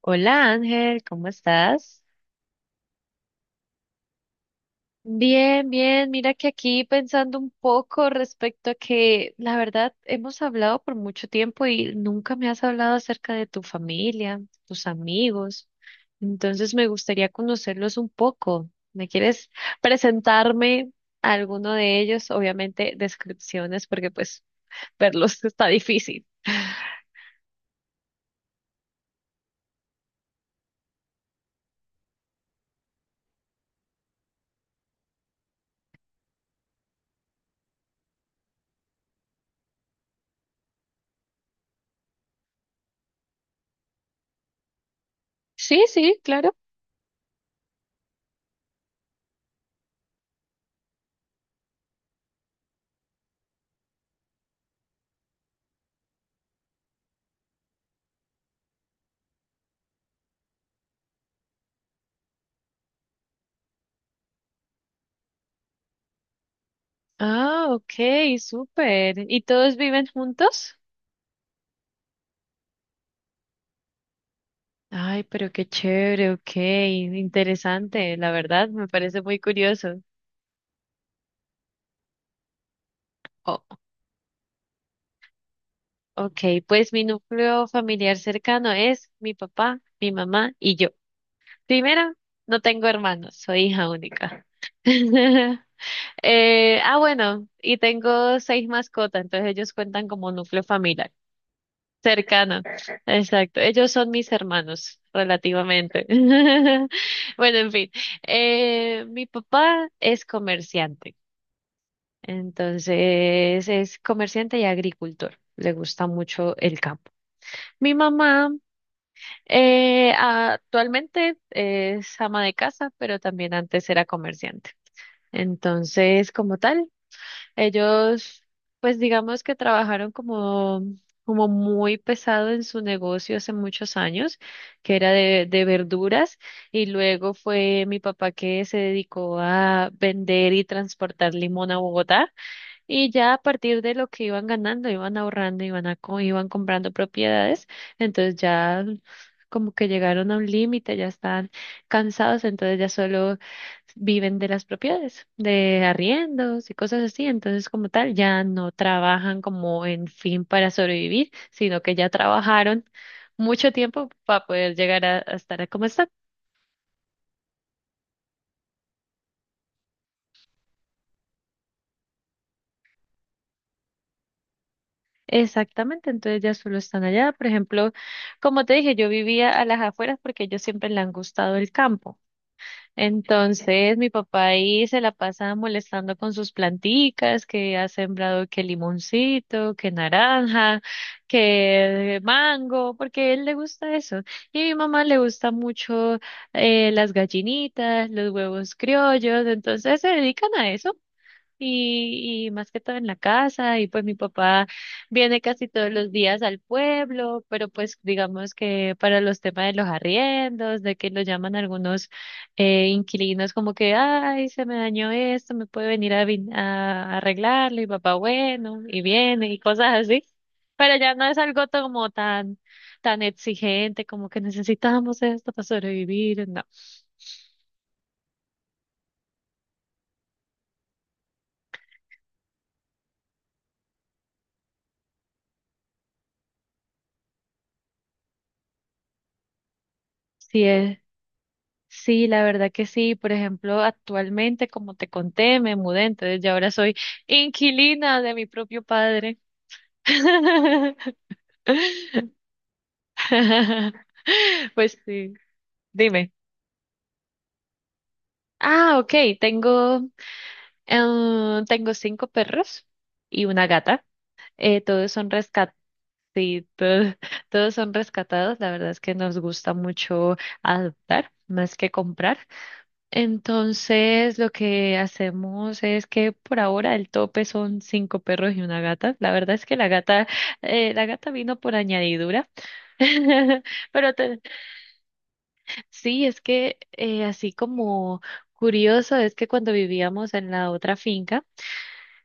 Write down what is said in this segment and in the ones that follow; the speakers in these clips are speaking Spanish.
Hola Ángel, ¿cómo estás? Bien, bien, mira que aquí pensando un poco respecto a que la verdad hemos hablado por mucho tiempo y nunca me has hablado acerca de tu familia, tus amigos, entonces me gustaría conocerlos un poco. ¿Me quieres presentarme a alguno de ellos? Obviamente descripciones porque pues verlos está difícil. Sí, sí, claro. Ah, ok, súper. ¿Y todos viven juntos? Ay, pero qué chévere, ok, interesante, la verdad, me parece muy curioso. Oh, ok, pues mi núcleo familiar cercano es mi papá, mi mamá y yo. Primero, no tengo hermanos, soy hija única. Bueno, y tengo seis mascotas, entonces ellos cuentan como núcleo familiar cercano. Exacto, ellos son mis hermanos, relativamente. Bueno, en fin, mi papá es comerciante. Entonces es comerciante y agricultor. Le gusta mucho el campo. Mi mamá actualmente es ama de casa, pero también antes era comerciante. Entonces, como tal, ellos, pues digamos que trabajaron como muy pesado en su negocio hace muchos años, que era de verduras, y luego fue mi papá que se dedicó a vender y transportar limón a Bogotá y ya a partir de lo que iban ganando, iban ahorrando, iban comprando propiedades, entonces ya como que llegaron a un límite, ya están cansados, entonces ya solo viven de las propiedades, de arriendos y cosas así, entonces como tal ya no trabajan como en fin para sobrevivir, sino que ya trabajaron mucho tiempo para poder llegar a estar como están. Exactamente, entonces ya solo están allá. Por ejemplo, como te dije, yo vivía a las afueras porque a ellos siempre le han gustado el campo. Entonces, mi papá ahí se la pasa molestando con sus planticas, que ha sembrado que limoncito, que naranja, que mango, porque a él le gusta eso. Y a mi mamá le gusta mucho las gallinitas, los huevos criollos, entonces se dedican a eso y más que todo en la casa, y pues mi papá viene casi todos los días al pueblo, pero pues digamos que para los temas de los arriendos, de que lo llaman algunos inquilinos como que, ay, se me dañó esto, me puede venir a arreglarlo, y papá, bueno, y viene, y cosas así. Pero ya no es algo como tan, tan exigente, como que necesitamos esto para sobrevivir, no. Sí, Sí, la verdad que sí. Por ejemplo, actualmente, como te conté, me mudé, entonces ya ahora soy inquilina de mi propio padre. Pues sí, dime. Ah, ok, tengo, tengo cinco perros y una gata. Todos son rescatados, todos, todos son rescatados. La verdad es que nos gusta mucho adoptar más que comprar. Entonces, lo que hacemos es que por ahora el tope son cinco perros y una gata. La verdad es que la gata vino por añadidura. Pero te- sí, es que así como curioso es que cuando vivíamos en la otra finca,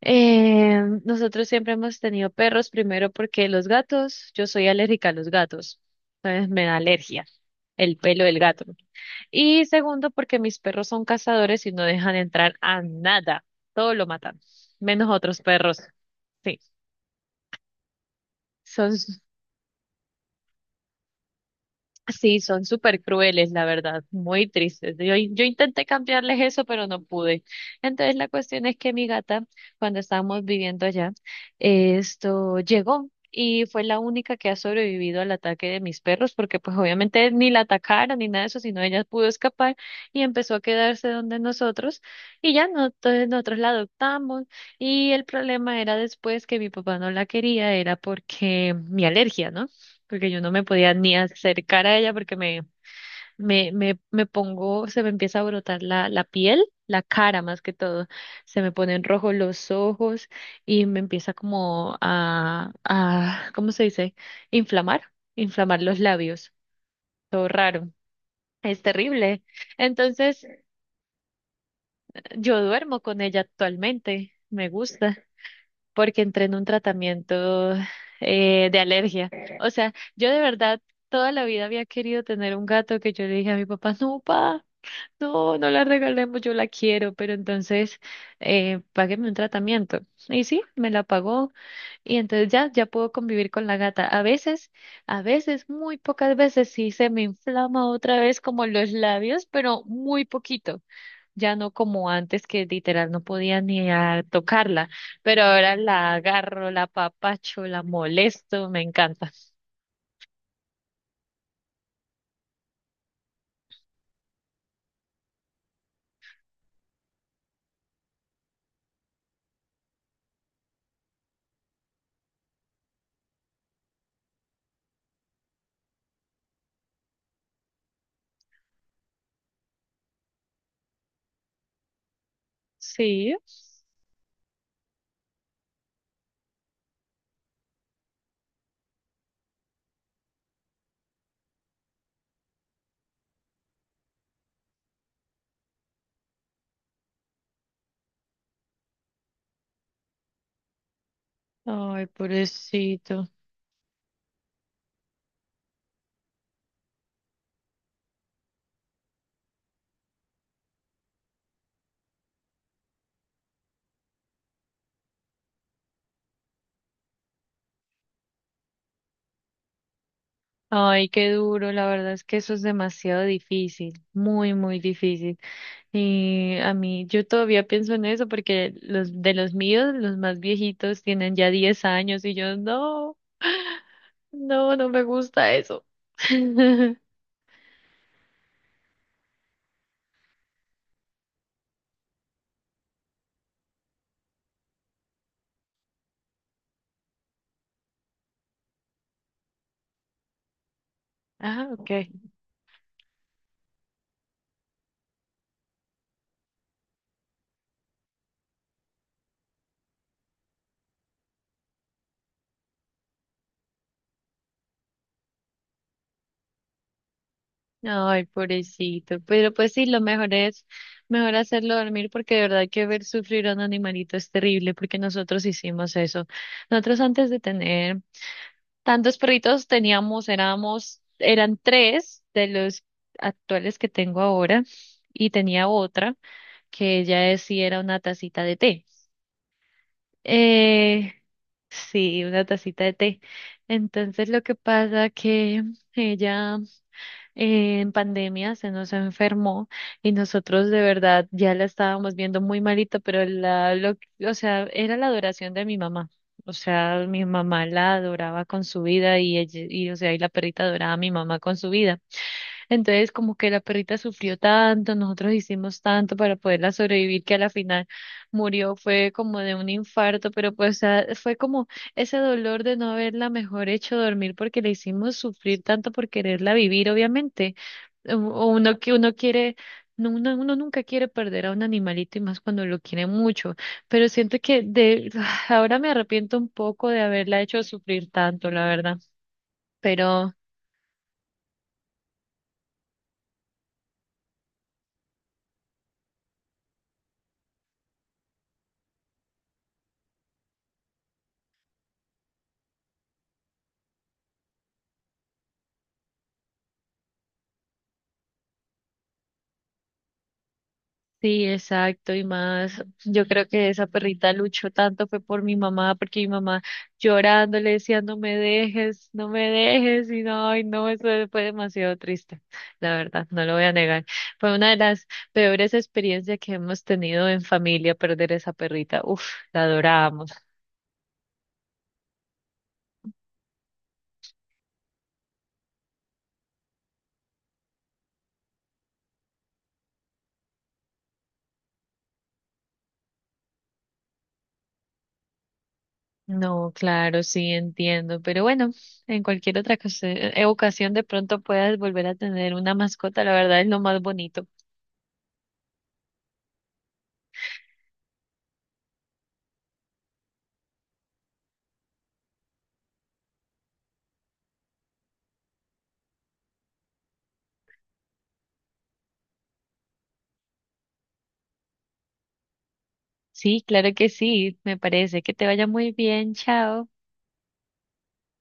nosotros siempre hemos tenido perros, primero porque los gatos, yo soy alérgica a los gatos, entonces me da alergia el pelo del gato. Y segundo, porque mis perros son cazadores y no dejan entrar a nada. Todo lo matan, menos otros perros. Sí, son Sí, son súper crueles, la verdad, muy tristes. Yo intenté cambiarles eso, pero no pude. Entonces la cuestión es que mi gata, cuando estábamos viviendo allá, esto llegó y fue la única que ha sobrevivido al ataque de mis perros, porque pues obviamente ni la atacaron ni nada de eso, sino ella pudo escapar y empezó a quedarse donde nosotros y ya no, entonces nosotros la adoptamos y el problema era después que mi papá no la quería, era porque mi alergia, ¿no? Porque yo no me podía ni acercar a ella porque me pongo, se me empieza a brotar la piel, la cara más que todo, se me ponen rojos los ojos y me empieza como ¿cómo se dice? Inflamar, inflamar los labios, todo raro, es terrible. Entonces, yo duermo con ella actualmente, me gusta. Porque entré en un tratamiento de alergia. O sea, yo de verdad toda la vida había querido tener un gato que yo le dije a mi papá, no, papá, no la regalemos, yo la quiero, pero entonces págueme un tratamiento. Y sí, me la pagó y entonces ya puedo convivir con la gata. A veces, muy pocas veces sí se me inflama otra vez como los labios, pero muy poquito ya no como antes que literal no podía ni a tocarla, pero ahora la agarro, la apapacho, la molesto, me encanta. Sí, ay, pobrecito. Ay, qué duro, la verdad es que eso es demasiado difícil, muy, muy difícil. Y a mí, yo todavía pienso en eso porque los de los míos, los más viejitos tienen ya 10 años y yo no, no me gusta eso. Ah, ok. Ay, pobrecito. Pero pues sí, lo mejor es, mejor hacerlo dormir porque de verdad que ver sufrir a un animalito es terrible porque nosotros hicimos eso. Nosotros antes de tener tantos perritos teníamos, éramos, eran tres de los actuales que tengo ahora y tenía otra que sí era una tacita de té. Eh, sí, una tacita de té. Entonces lo que pasa que ella en pandemia se nos enfermó y nosotros de verdad ya la estábamos viendo muy malita, o sea, era la adoración de mi mamá. O sea, mi mamá la adoraba con su vida y o sea, y la perrita adoraba a mi mamá con su vida. Entonces, como que la perrita sufrió tanto, nosotros hicimos tanto para poderla sobrevivir que a la final murió, fue como de un infarto, pero pues, o sea, fue como ese dolor de no haberla mejor hecho dormir porque le hicimos sufrir tanto por quererla vivir, obviamente o uno que uno quiere, no, uno nunca quiere perder a un animalito y más cuando lo quiere mucho, pero siento que de ahora me arrepiento un poco de haberla hecho sufrir tanto, la verdad. Pero sí, exacto, y más, yo creo que esa perrita luchó tanto fue por mi mamá, porque mi mamá llorando le decía, no me dejes, no me dejes, y no, ay, no, eso fue demasiado triste, la verdad, no lo voy a negar. Fue una de las peores experiencias que hemos tenido en familia, perder esa perrita, uf, la adorábamos. No, claro, sí, entiendo, pero bueno, en cualquier ocasión de pronto puedas volver a tener una mascota, la verdad es lo más bonito. Sí, claro que sí, me parece que te vaya muy bien, chao.